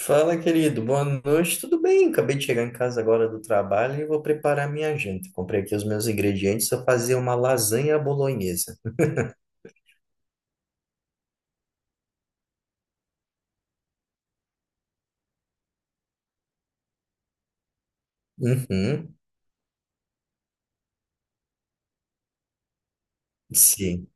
Fala, querido. Boa noite. Tudo bem? Acabei de chegar em casa agora do trabalho e vou preparar minha janta. Comprei aqui os meus ingredientes. Vou fazer uma lasanha bolonhesa. Uhum. Sim.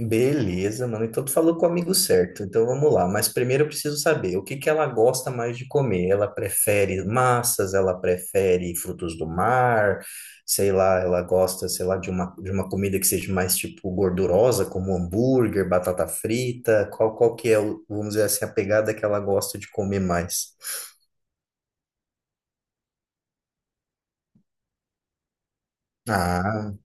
Beleza, mano. Então tu falou com o amigo certo. Então vamos lá. Mas primeiro eu preciso saber o que que ela gosta mais de comer. Ela prefere massas, ela prefere frutos do mar, sei lá, ela gosta, sei lá, de uma comida que seja mais tipo gordurosa, como hambúrguer, batata frita. Qual que é, vamos dizer assim, a pegada que ela gosta de comer mais? Ah.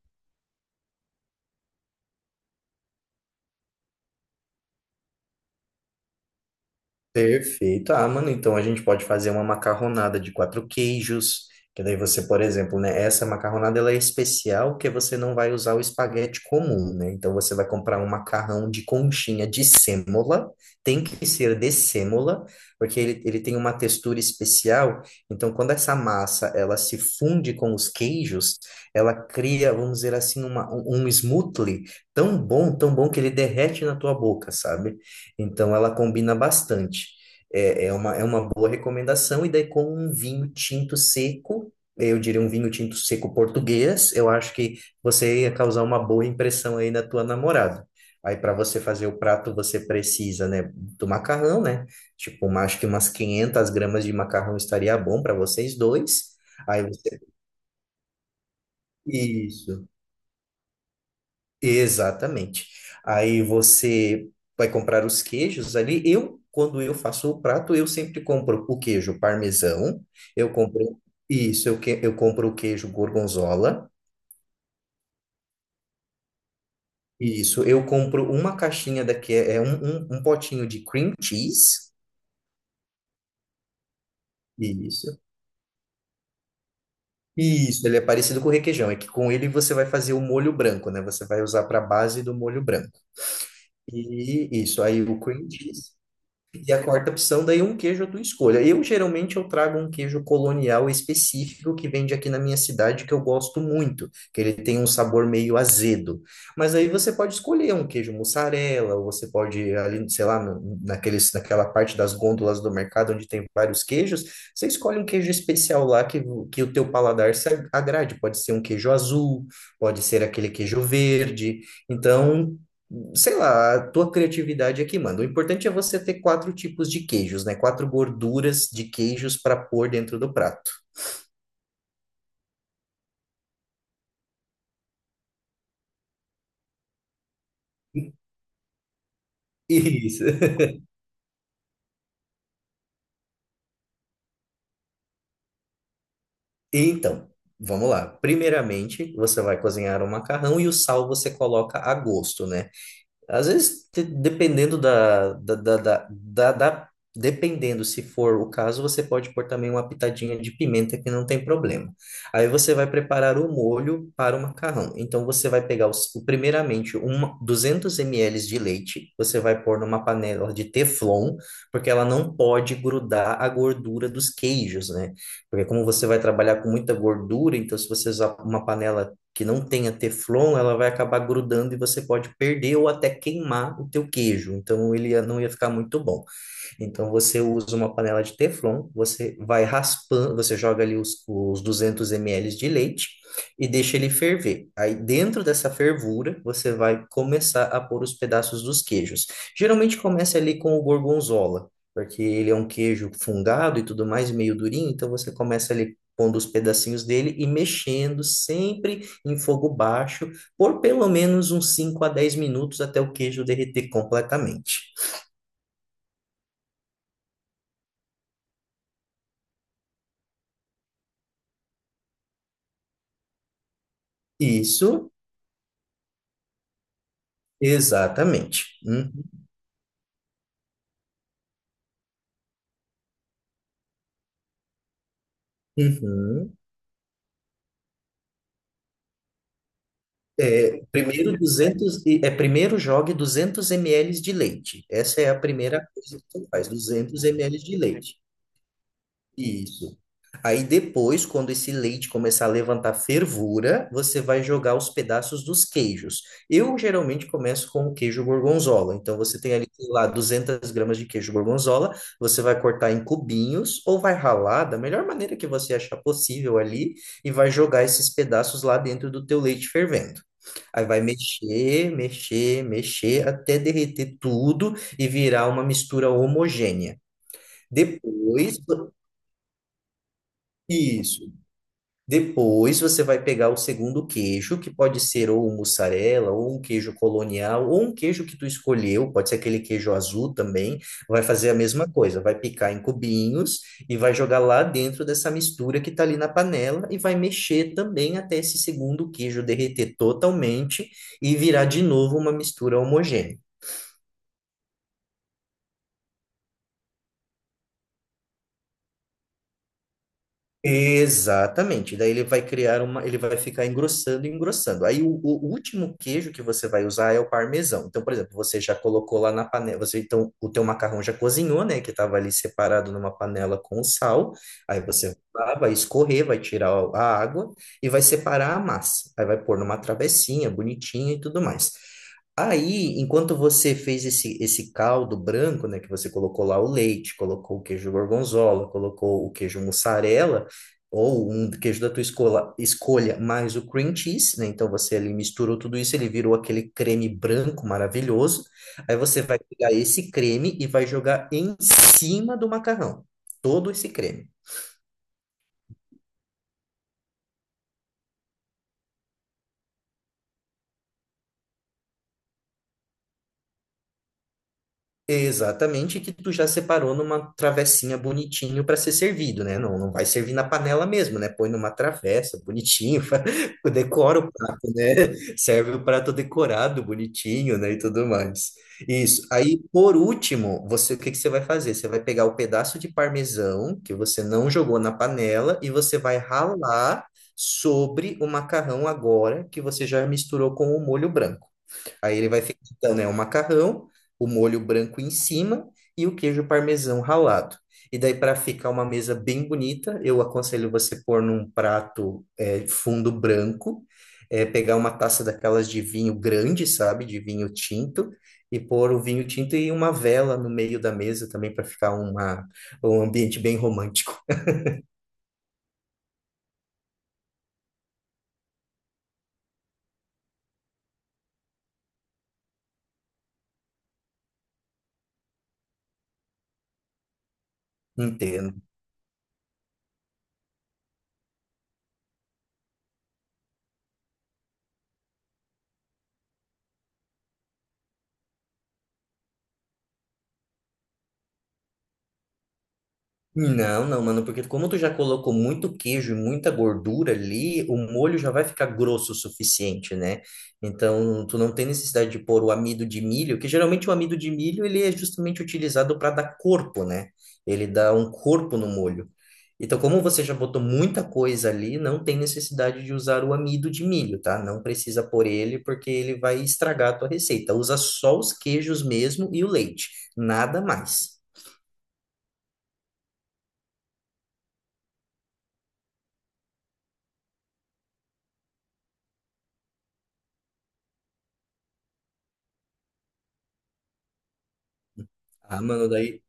Perfeito. Ah, mano, então a gente pode fazer uma macarronada de quatro queijos, que daí você, por exemplo, né, essa macarronada ela é especial que você não vai usar o espaguete comum, né? Então você vai comprar um macarrão de conchinha de sêmola, tem que ser de sêmola, porque ele tem uma textura especial. Então quando essa massa ela se funde com os queijos, ela cria, vamos dizer assim, uma, um um smoothie tão bom que ele derrete na tua boca, sabe? Então ela combina bastante. É uma boa recomendação, e daí com um vinho tinto seco, eu diria um vinho tinto seco português, eu acho que você ia causar uma boa impressão aí na tua namorada. Aí para você fazer o prato, você precisa, né, do macarrão, né? Tipo, acho que umas 500 gramas de macarrão estaria bom para vocês dois. Aí você... Isso. Exatamente. Aí você vai comprar os queijos ali. Eu, quando eu faço o prato, eu sempre compro o queijo parmesão, eu compro isso, eu compro o queijo gorgonzola, isso, eu compro uma caixinha daqui, é um potinho de cream cheese, isso. Isso, ele é parecido com o requeijão, é que com ele você vai fazer o molho branco, né? Você vai usar para base do molho branco. E isso, aí o cream cheese. E a quarta opção, daí um queijo à tua escolha. Eu geralmente eu trago um queijo colonial específico que vende aqui na minha cidade que eu gosto muito, que ele tem um sabor meio azedo. Mas aí você pode escolher um queijo mussarela, ou você pode ali, sei lá, naquela parte das gôndolas do mercado onde tem vários queijos, você escolhe um queijo especial lá que o teu paladar se agrade. Pode ser um queijo azul, pode ser aquele queijo verde. Então, sei lá, a tua criatividade é que manda. O importante é você ter quatro tipos de queijos, né? Quatro gorduras de queijos para pôr dentro do prato. Isso. Então, vamos lá. Primeiramente, você vai cozinhar o macarrão e o sal você coloca a gosto, né? Às vezes, te- dependendo da, da, da, da, da- da- dependendo se for o caso, você pode pôr também uma pitadinha de pimenta que não tem problema. Aí você vai preparar o molho para o macarrão. Então você vai pegar primeiramente 200 ml de leite, você vai pôr numa panela de teflon, porque ela não pode grudar a gordura dos queijos, né? Porque como você vai trabalhar com muita gordura, então se você usar uma panela que não tenha teflon, ela vai acabar grudando e você pode perder ou até queimar o teu queijo. Então não ia ficar muito bom. Então você usa uma panela de teflon, você vai raspando, você joga ali os 200 ml de leite e deixa ele ferver. Aí dentro dessa fervura, você vai começar a pôr os pedaços dos queijos. Geralmente começa ali com o gorgonzola, porque ele é um queijo fungado e tudo mais, meio durinho, então você começa ali pondo os pedacinhos dele e mexendo sempre em fogo baixo por pelo menos uns 5 a 10 minutos até o queijo derreter completamente. Isso. Exatamente. Uhum. Uhum. Primeiro jogue 200 ml de leite. Essa é a primeira coisa que você faz, 200 ml de leite. Isso. Aí depois, quando esse leite começar a levantar fervura, você vai jogar os pedaços dos queijos. Eu geralmente começo com o queijo gorgonzola. Então você tem ali, sei lá, 200 gramas de queijo gorgonzola. Você vai cortar em cubinhos ou vai ralar da melhor maneira que você achar possível ali e vai jogar esses pedaços lá dentro do teu leite fervendo. Aí vai mexer, mexer, mexer até derreter tudo e virar uma mistura homogênea. Depois, isso. Depois você vai pegar o segundo queijo, que pode ser ou um mussarela, ou um queijo colonial, ou um queijo que tu escolheu, pode ser aquele queijo azul também. Vai fazer a mesma coisa, vai picar em cubinhos e vai jogar lá dentro dessa mistura que tá ali na panela e vai mexer também até esse segundo queijo derreter totalmente e virar de novo uma mistura homogênea. Exatamente. Daí ele vai criar uma, ele vai ficar engrossando e engrossando. Aí o último queijo que você vai usar é o parmesão. Então, por exemplo, você já colocou lá na panela, você então o teu macarrão já cozinhou, né, que estava ali separado numa panela com sal. Aí você vai lá, vai escorrer, vai tirar a água e vai separar a massa. Aí vai pôr numa travessinha bonitinha e tudo mais. Aí, enquanto você fez esse caldo branco, né, que você colocou lá o leite, colocou o queijo gorgonzola, colocou o queijo mussarela, ou um queijo da tua escolha, mais o cream cheese, né? Então você ali misturou tudo isso, ele virou aquele creme branco maravilhoso. Aí você vai pegar esse creme e vai jogar em cima do macarrão, todo esse creme. Exatamente, que tu já separou numa travessinha bonitinho para ser servido, né? Não, não vai servir na panela mesmo, né? Põe numa travessa bonitinho, decora o prato, né? Serve o prato decorado bonitinho, né? E tudo mais. Isso. Aí, por último, você, o que que você vai fazer? Você vai pegar o pedaço de parmesão que você não jogou na panela e você vai ralar sobre o macarrão agora que você já misturou com o molho branco. Aí ele vai ficar, então, né, o macarrão o molho branco em cima e o queijo parmesão ralado. E daí, para ficar uma mesa bem bonita, eu aconselho você pôr num prato é, fundo branco, é, pegar uma taça daquelas de vinho grande, sabe? De vinho tinto, e pôr o vinho tinto e uma vela no meio da mesa também para ficar uma, um ambiente bem romântico. Entendo. Não, não, mano, porque como tu já colocou muito queijo e muita gordura ali, o molho já vai ficar grosso o suficiente, né? Então, tu não tem necessidade de pôr o amido de milho, que geralmente o amido de milho, ele é justamente utilizado para dar corpo, né? Ele dá um corpo no molho. Então, como você já botou muita coisa ali, não tem necessidade de usar o amido de milho, tá? Não precisa pôr ele, porque ele vai estragar a tua receita. Usa só os queijos mesmo e o leite, nada mais. Ah, mano, daí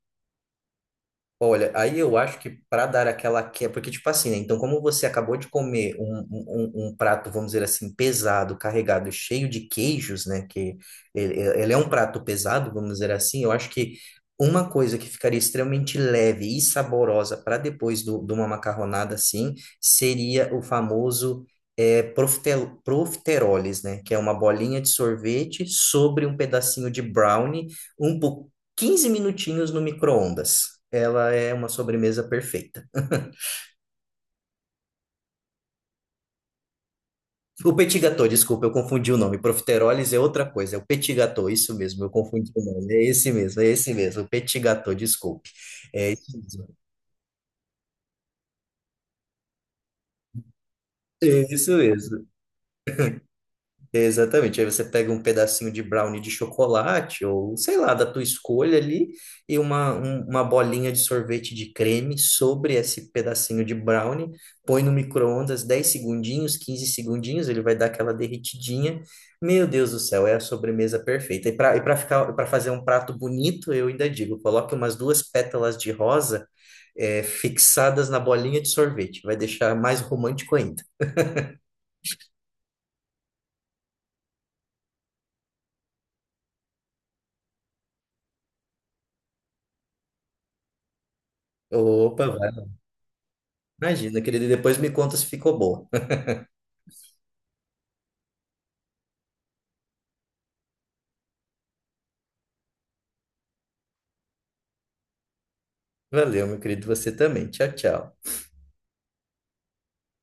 olha, aí eu acho que para dar aquela que porque tipo assim, né? Então, como você acabou de comer um prato, vamos dizer assim, pesado, carregado, cheio de queijos, né? Que ele, ele é um prato pesado, vamos dizer assim. Eu acho que uma coisa que ficaria extremamente leve e saborosa para depois de uma macarronada assim seria o famoso é, profite- profiteroles, né? Que é uma bolinha de sorvete sobre um pedacinho de brownie um. po- 15 minutinhos no micro-ondas. Ela é uma sobremesa perfeita. O petit gâteau, desculpa, eu confundi o nome. Profiteroles é outra coisa, é o petit gâteau, isso mesmo, eu confundi o nome. É esse mesmo, o petit gâteau, desculpe. É isso mesmo, é isso mesmo. Exatamente. Aí você pega um pedacinho de brownie de chocolate, ou sei lá, da tua escolha ali, e uma bolinha de sorvete de creme sobre esse pedacinho de brownie, põe no micro-ondas 10 segundinhos, 15 segundinhos, ele vai dar aquela derretidinha. Meu Deus do céu, é a sobremesa perfeita. E para fazer um prato bonito, eu ainda digo, coloque umas duas pétalas de rosa, eh, fixadas na bolinha de sorvete, vai deixar mais romântico ainda. Opa, vai. Imagina, querido, e depois me conta se ficou bom. Valeu, meu querido, você também. Tchau, tchau.